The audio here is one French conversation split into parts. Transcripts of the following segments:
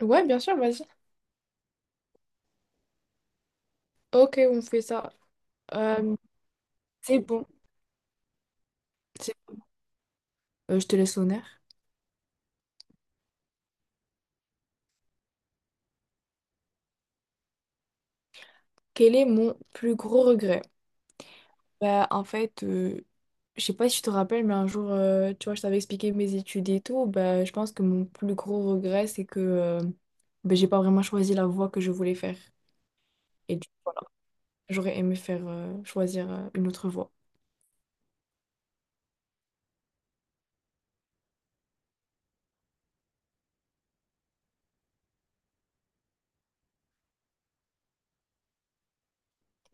Ouais, bien sûr, vas-y. Ok, on fait ça. Euh, c'est bon. C'est- je te laisse l'honneur. Quel est mon plus gros regret? Bah, en fait, je sais pas si tu te rappelles, mais un jour, tu vois, je t'avais expliqué mes études et tout. Bah, je pense que mon plus gros regret, c'est que bah, j'ai pas vraiment choisi la voie que je voulais faire. Et du- J'aurais aimé faire choisir une autre voie.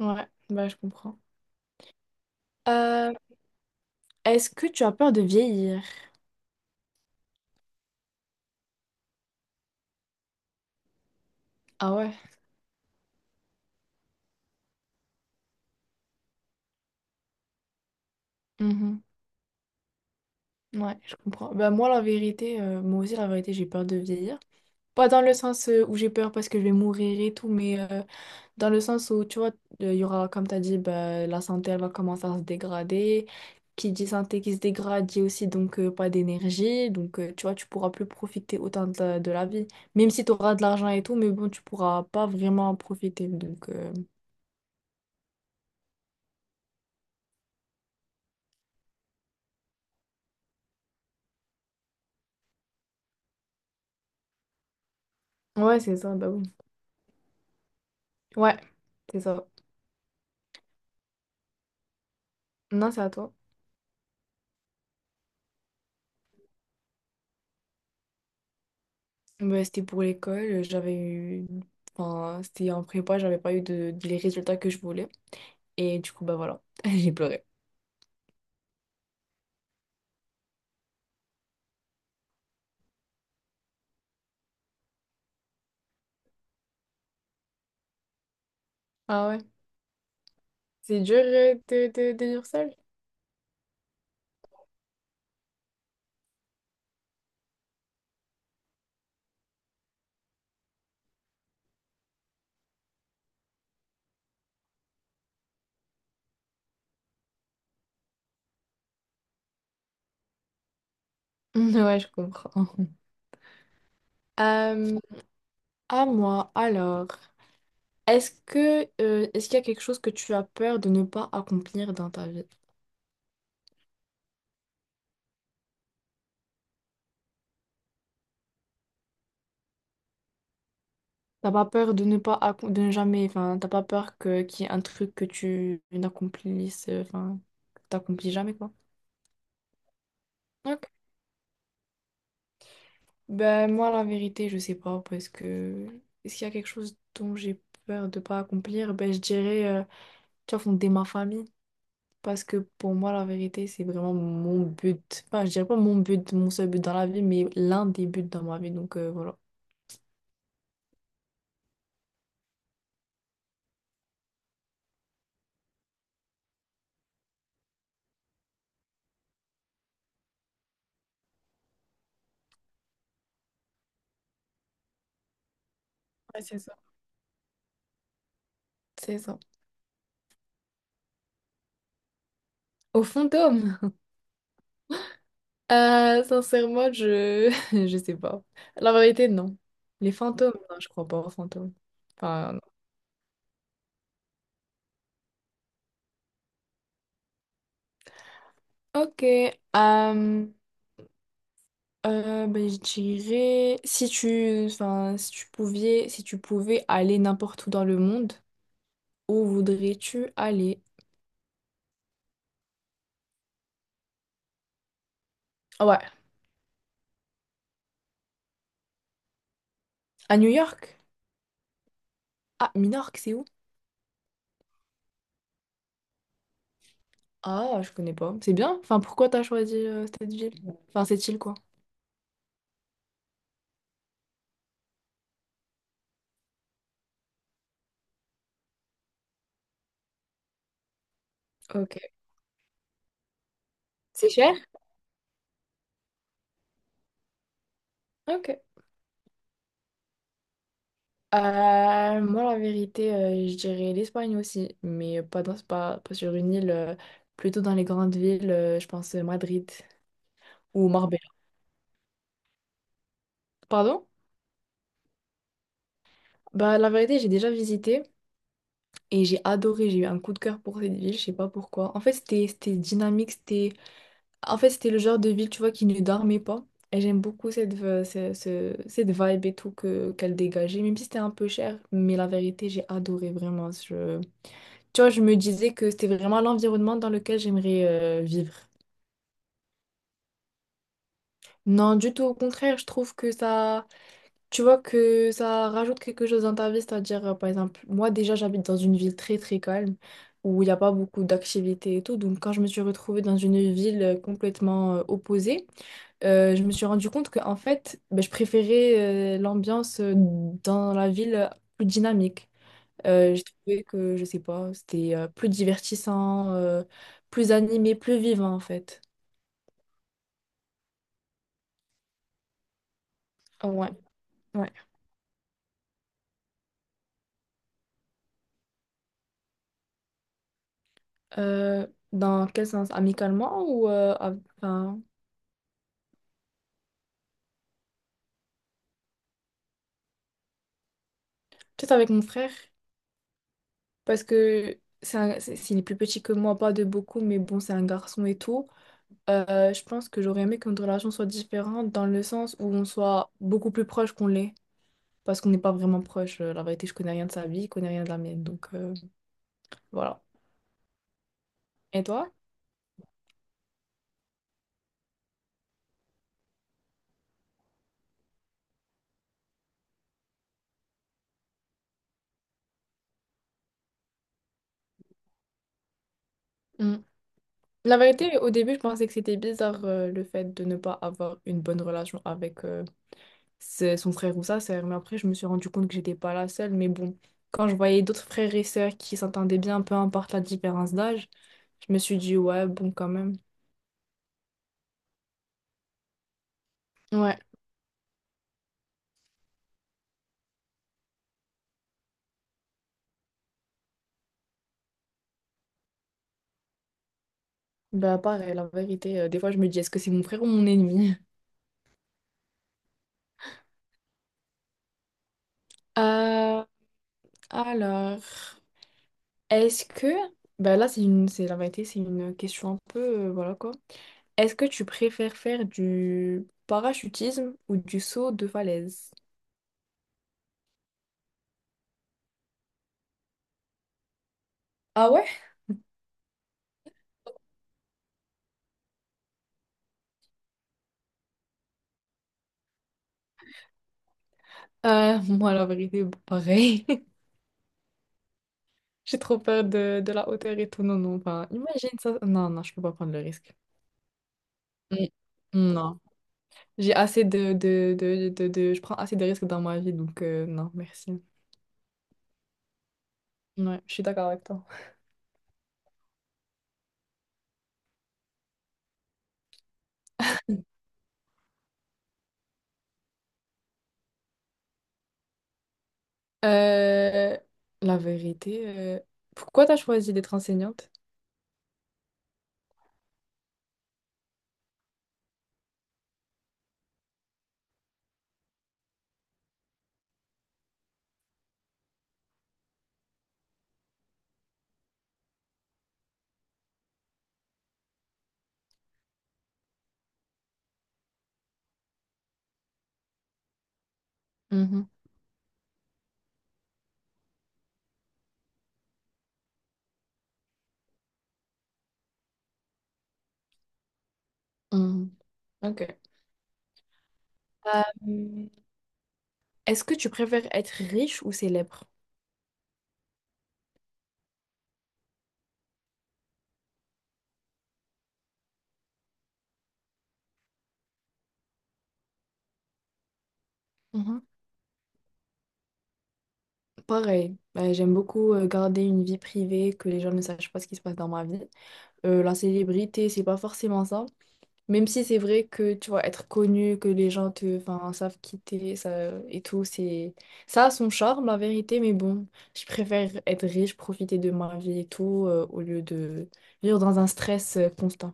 Ouais, bah, je comprends. Euh, Est-ce que tu as peur de vieillir? Ah ouais. Mhm. Ouais, je comprends. Bah moi la vérité, moi aussi la vérité, j'ai peur de vieillir. Pas dans le sens où j'ai peur parce que je vais mourir et tout, mais dans le sens où tu vois, il y aura, comme tu as dit, bah, la santé elle va commencer à se dégrader. Qui dit santé qui se dégrade dit aussi donc pas d'énergie. Donc tu vois, tu pourras plus profiter autant de de la vie. Même si tu auras de l'argent et tout, mais bon, tu pourras pas vraiment en profiter. Donc ouais, c'est ça, bah oui. Ouais, c'est ça. Non, c'est à toi. Bah, c'était pour l'école, j'avais eu... Enfin, c'était en prépa, j'avais pas eu de... les résultats que je voulais. Et du coup, bah voilà, j'ai pleuré. Ah ouais, c'est dur de dire seul. Ouais, je comprends. Euh, à moi, alors, est-ce que est-ce qu'il y a quelque chose que tu as peur de ne pas accomplir dans ta vie? T'as pas peur de ne pas accom- De ne jamais, enfin, t'as pas peur que qu'il y ait un truc que tu n'accomplisses, enfin, que t'accomplis jamais quoi. Ben, moi, la vérité, je sais pas, parce que est-ce qu'il y a quelque chose dont j'ai peur de pas accomplir? Ben, je dirais, tu vois, fonder ma famille, parce que pour moi, la vérité, c'est vraiment mon but. Enfin, je dirais pas mon but, mon seul but dans la vie, mais l'un des buts dans ma vie, donc voilà. Ouais, c'est ça. C'est ça. Au fond, d'homme. Sincèrement, je... je sais pas. La vérité, non. Les fantômes, non, je crois pas aux fantômes. Enfin, ok, ben, je dirais si tu, enfin, si tu pouvais, si tu pouvais aller n'importe où dans le monde, où voudrais-tu aller? Ah ouais, à New York? Ah, Minorque, c'est où? Ah, je connais pas. C'est bien. Enfin, pourquoi t'as choisi cette ville? Enfin, cette île quoi. Ok. C'est cher? Ok. Moi, la vérité, je dirais l'Espagne aussi, mais pas dans, pas, pas sur une île, plutôt dans les grandes villes. Euh, je pense Madrid ou Marbella. Pardon? Bah, la vérité, j'ai déjà visité et j'ai adoré. J'ai eu un coup de cœur pour cette ville, je sais pas pourquoi. En fait, c'était dynamique, c'était en fait, c'était le genre de ville, tu vois, qui ne dormait pas. Et j'aime beaucoup cette, v- ce- ce- cette vibe et tout que, qu'elle dégageait, même si c'était un peu cher. Mais la vérité, j'ai adoré vraiment. Je... Tu vois, je me disais que c'était vraiment l'environnement dans lequel j'aimerais vivre. Non, du tout, au contraire, je trouve que ça. Tu vois que ça rajoute quelque chose dans ta vie, c'est-à-dire, par exemple, moi déjà j'habite dans une ville très très calme où il n'y a pas beaucoup d'activités et tout. Donc quand je me suis retrouvée dans une ville complètement opposée, je me suis rendu compte que en fait, ben, je préférais l'ambiance dans la ville plus dynamique. J'ai trouvé que, je sais pas, c'était plus divertissant, plus animé, plus vivant en fait. Ouais, ouais. Euh, Dans quel sens? Amicalement ou enfin, peut-être avec mon frère, parce que s'il est plus petit que moi, pas de beaucoup, mais bon, c'est un garçon et tout. Je pense que j'aurais aimé que notre relation soit différente dans le sens où on soit beaucoup plus proche qu'on l'est, parce qu'on n'est pas vraiment proche. La vérité, je connais rien de sa vie, il connaît rien de la mienne, donc voilà. Et toi? Mm. La vérité, au début, je pensais que c'était bizarre le fait de ne pas avoir une bonne relation avec, c'est son frère ou sa sœur. Mais après, je me suis rendu compte que j'étais pas la seule. Mais bon, quand je voyais d'autres frères et sœurs qui s'entendaient bien, peu importe la différence d'âge, je me suis dit, ouais, bon, quand même. Ouais, bah pareil, la vérité, des fois, je me dis, est-ce que c'est mon frère ou mon ennemi? Euh, alors, est-ce que... Bah là, c'est la vérité, c'est une question un peu, voilà quoi. Est-ce que tu préfères faire du parachutisme ou du saut de falaise? Ah ouais? Moi, la vérité, pareil. J'ai trop peur de la hauteur et tout. Non, non, enfin, imagine ça. Non, non, je peux pas prendre le risque. Mm. Non. J'ai assez je prends assez de risques dans ma vie, donc non, merci. Ouais, je suis d'accord avec toi. Euh, la vérité, pourquoi t'as choisi d'être enseignante? Mhm, mhm. Ok. Euh, Est-ce que tu préfères être riche ou célèbre? Mhm. Pareil. J'aime beaucoup garder une vie privée, que les gens ne sachent pas ce qui se passe dans ma vie. La célébrité, c'est pas forcément ça. Même si c'est vrai que tu vois, être connu, que les gens te, enfin, savent qui t'es, ça et tout, c'est ça a son charme, la vérité, mais bon, je préfère être riche, profiter de ma vie et tout, au lieu de vivre dans un stress constant.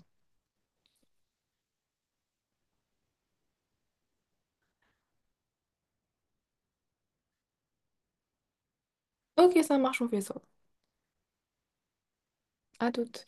Ok, ça marche, on fait ça. À toute.